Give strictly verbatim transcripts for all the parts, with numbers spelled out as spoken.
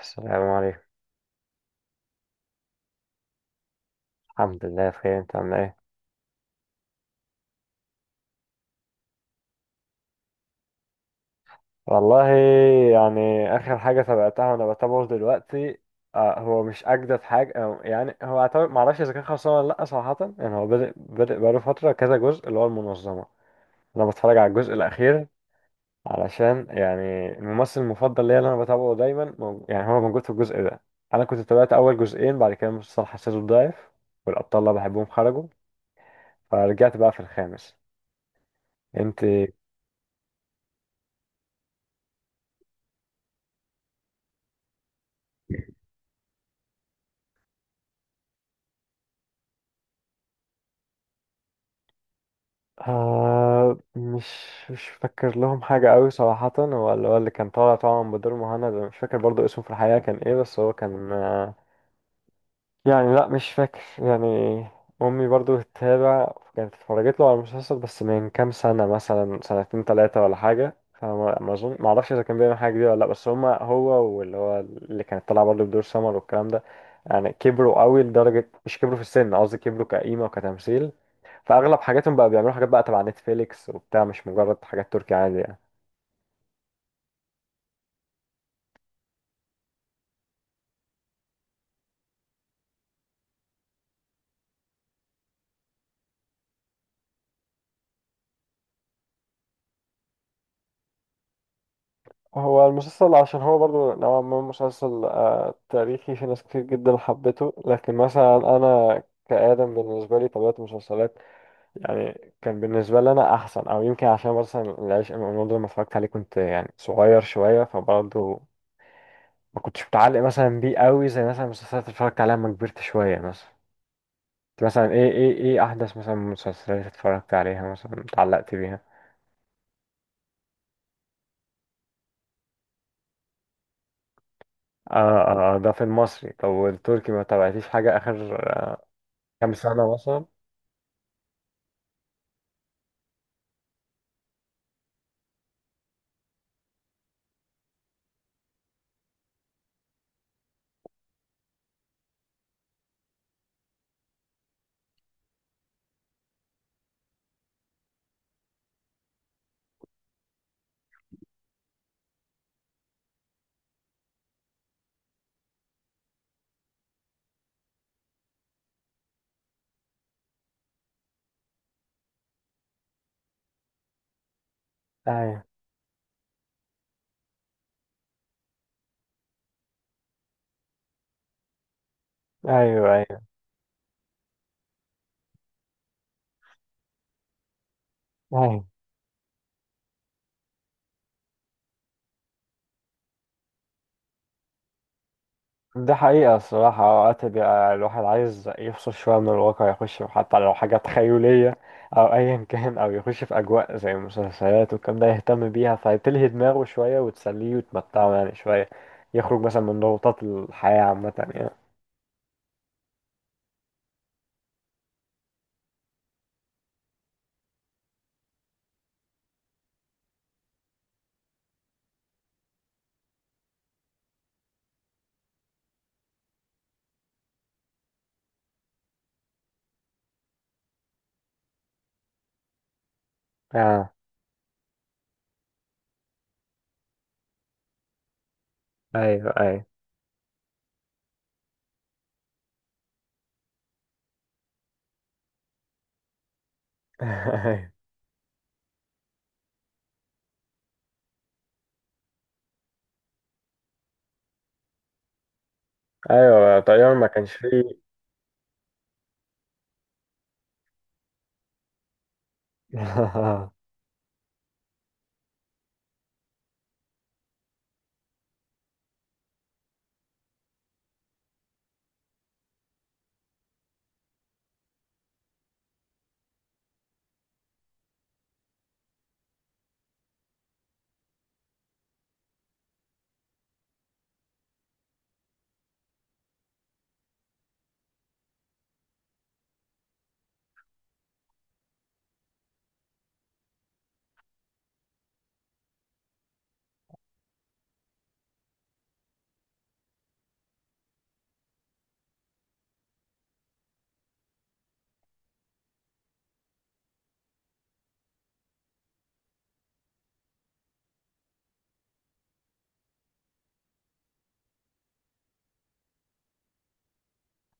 السلام عليكم. الحمد لله بخير، انت عامل ايه؟ والله يعني اخر حاجه تابعتها وانا بتابعه دلوقتي آه، هو مش اجدد حاجه أو يعني هو اعتبر معرفش اذا كان خلصان ولا لا، صراحه يعني هو بدأ بدأ بقاله فتره كذا جزء اللي هو المنظمه. انا بتفرج على الجزء الاخير علشان يعني الممثل المفضل ليا اللي انا بتابعه دايما، مو- يعني هو موجود في الجزء ده. انا كنت تابعت اول جزئين، بعد كده المسلسل حسيته ضعيف والابطال اللي بحبهم خرجوا، فرجعت بقى في الخامس. انت؟ آه مش مش فاكر لهم حاجة قوي صراحة، هو اللي هو اللي كان طالع طبعا بدور مهند أنا مش فاكر برضو اسمه في الحقيقة كان ايه، بس هو كان آه، يعني لا مش فاكر يعني. امي برضو بتتابع، كانت اتفرجت له على المسلسل بس من كام سنه، مثلا سنتين ثلاثه ولا حاجه، فما ما اظن ما اعرفش اذا كان بيعمل حاجه جديده ولا لا، بس هما هو واللي هو اللي كانت طالعه برضو بدور سمر والكلام ده يعني كبروا قوي، لدرجه مش كبروا في السن، قصدي كبروا كقيمه وكتمثيل. فاغلب حاجاتهم بقى بيعملوا حاجات بقى تبع نتفليكس وبتاع، مش مجرد حاجات تركي عادي يعني. هو المسلسل عشان هو برضو نوعا ما مسلسل آه، تاريخي، في ناس كتير جدا حبته، لكن مثلا انا كآدم بالنسبة لي طبيعة المسلسلات يعني كان بالنسبة لي انا احسن، او يمكن عشان مثلا العشق الممنوع ده لما اتفرجت عليه كنت يعني صغير شوية، فبرضو ما كنتش متعلق مثلا بيه قوي زي مثلا المسلسلات اللي اتفرجت عليها لما كبرت شوية مثلا. أنت مثلا ايه، ايه ايه احدث مثلا مسلسلات اتفرجت عليها مثلا اتعلقت بيها؟ اه اه، آه، ده في المصري، طب والتركي ما تابعتيش حاجة اخر كام سنة مثلا؟ ايوه ايوه. ايوه ايوه، ده حقيقة الصراحة، اوقات بيبقى الواحد عايز يفصل شوية من الواقع، يخش في حتى لو حاجة تخيلية او ايا كان، او يخش في اجواء زي المسلسلات والكلام ده، يهتم بيها فتلهي دماغه شوية وتسليه وتمتعه يعني شوية، يخرج مثلا من ضغوطات الحياة عامة يعني. اه، ايوه ايوه. ايوه ايوه، طيب ما كانش فيه.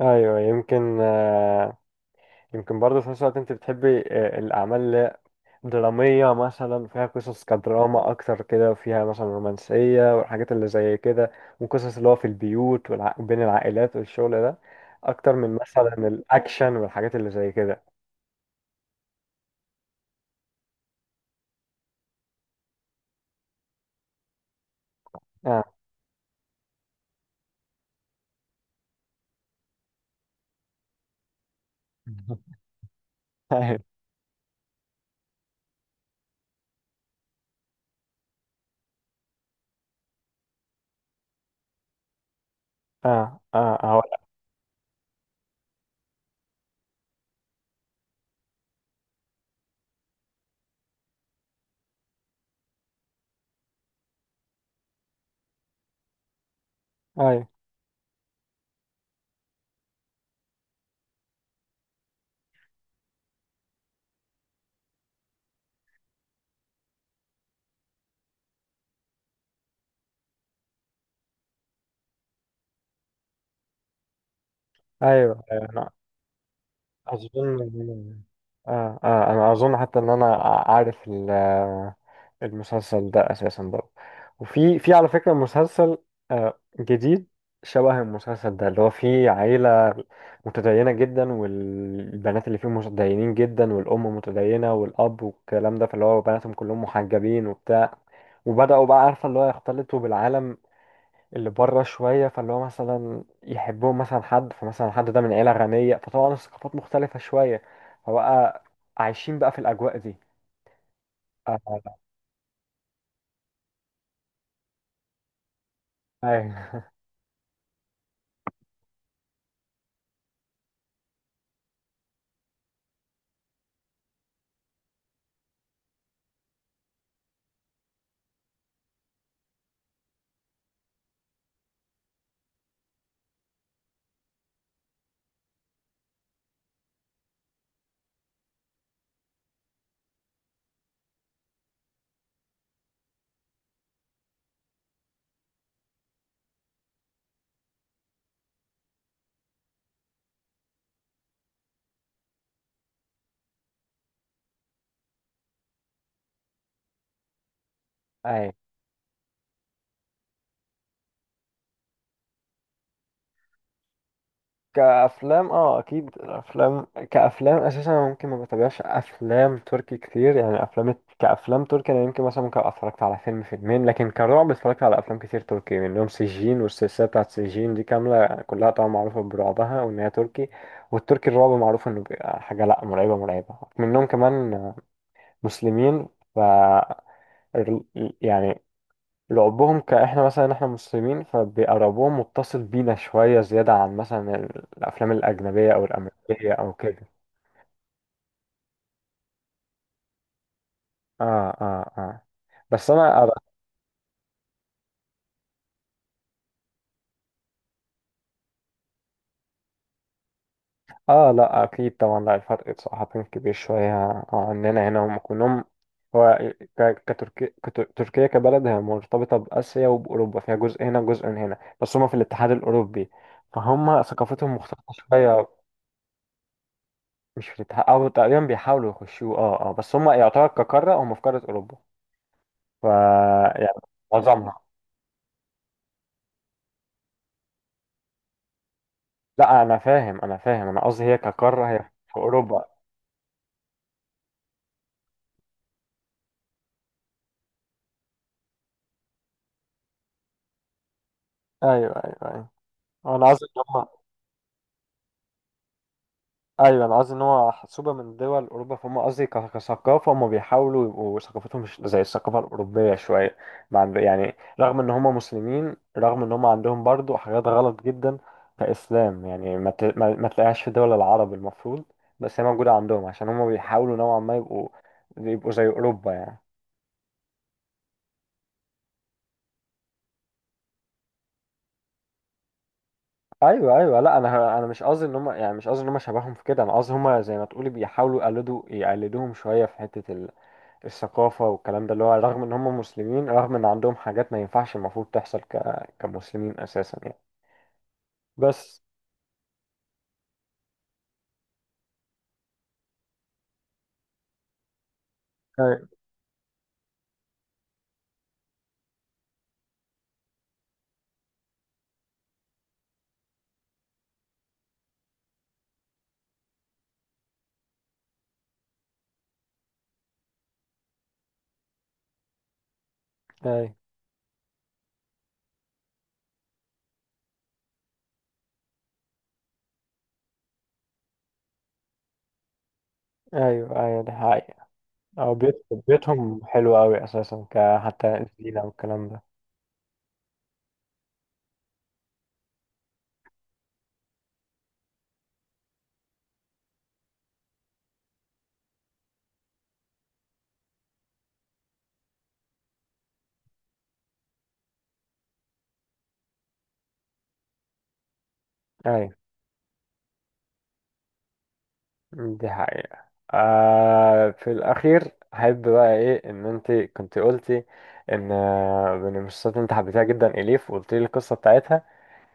ايوه، يمكن آه، يمكن برضه في نفس الوقت انت بتحبي آه، الاعمال درامية، مثلا فيها قصص كدراما أكتر كده، فيها مثلا رومانسية والحاجات اللي زي كده، وقصص اللي هو في البيوت والع... بين العائلات والشغل ده، أكتر من مثلا الأكشن والحاجات اللي زي كده. آه. أيوة. آه آه هقول. أيوة أيوة أيوة. أظن آه آه، أنا أظن حتى إن أنا عارف ال- المسلسل ده أساسا برضه، وفي في على فكرة مسلسل آه جديد شبه المسلسل ده، اللي هو فيه عيلة متدينة جدا، والبنات اللي فيه متدينين جدا، والأم متدينة والأب والكلام ده، فاللي هو بناتهم كلهم محجبين وبتاع، وبدأوا بقى عارفة اللي هو يختلطوا بالعالم اللي بره شوية، فاللي هو مثلا يحبهم مثلا حد، فمثلا حد ده من عيلة غنية، فطبعا الثقافات مختلفة شوية، فبقى عايشين بقى في الأجواء دي. آه، أيوة. أيوة. كأفلام اه أكيد، الأفلام كأفلام أساسا أنا ممكن ما بتابعش أفلام تركي كتير، يعني أفلام كأفلام تركي أنا يمكن مثلا ممكن أبقى اتفرجت على فيلم فيلمين، لكن كرعب اتفرجت على أفلام كتير تركي، منهم سجين والسلسلة بتاعت سجين دي كاملة كلها طبعا معروفة برعبها وإن هي تركي. والتركي الرعب معروف إنه بيبقى حاجة لأ مرعبة مرعبة، منهم كمان مسلمين، ف يعني لعبهم كاحنا مثلا، احنا مسلمين فبيبقى رعبهم متصل بينا شوية زيادة عن مثلا الأفلام الأجنبية أو الأمريكية أو كده. اه اه اه، بس أنا أرى. اه لا أكيد طبعا، لا الفرق بصراحة كان كبير شوية عننا هنا، هم كلهم هو ك- كتركي- كت- تركيا كبلد هي مرتبطة بآسيا وبأوروبا، فيها جزء هنا وجزء من هنا، بس هم في الاتحاد الأوروبي، فهم ثقافتهم مختلفة شوية. مش في الاتحاد أو تقريبا بيحاولوا يخشوه، اه اه، بس هم يعتبر كقارة هم في قارة أوروبا ف يعني معظمها. لا انا فاهم، انا فاهم، انا قصدي هي كقارة هي في اوروبا. ايوه ايوه ايوه، انا قصدي ان هم ايوه، انا قصدي ان هو حسوبة من دول اوروبا، فهم قصدي ك- كثقافة هم بيحاولوا يبقوا ثقافتهم مش زي الثقافة الاوروبية شوية، ما عند- يعني رغم ان هم مسلمين، رغم ان هم عندهم برضو حاجات غلط جدا كاسلام، يعني ما ت- ما ما تلاقيهاش في دول العرب المفروض، بس هي موجودة عندهم عشان هم بيحاولوا نوعا ما يبقوا يبقوا زي اوروبا يعني. ايوه ايوه، لا انا انا مش قصدي ان هم يعني، مش قصدي ان هم شبههم في كده، انا قصدي هم زي ما تقولي بيحاولوا يقلدوا يقلدوهم شويه في حته ال- الثقافه والكلام ده، اللي هو رغم ان هم مسلمين، رغم ان عندهم حاجات ما ينفعش المفروض تحصل ك... كمسلمين اساسا يعني. بس ايوه ايوه. ايوه ايوه، ده حقيقة. او بيت بيتهم حلو قوي اساسا ك حتى الزينه والكلام ده. ايوه دي حقيقة. آه في الأخير أحب بقى إيه، إن أنت كنت قلتي إن آه، بين المشخصات أنت حبيتها جدا إليف، وقلت لي القصة بتاعتها،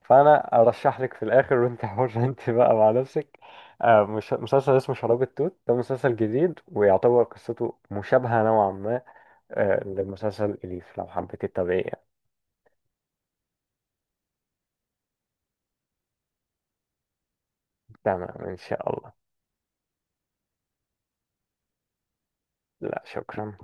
فأنا أرشح لك في الآخر وأنت حرة أنت بقى مع نفسك. آه، مش مسلسل اسمه شراب التوت، ده مسلسل جديد ويعتبر قصته مشابهة نوعا ما آه لمسلسل إليف، لو حبيتي تتابعيه يعني. تمام إن شاء الله. لا شكرا.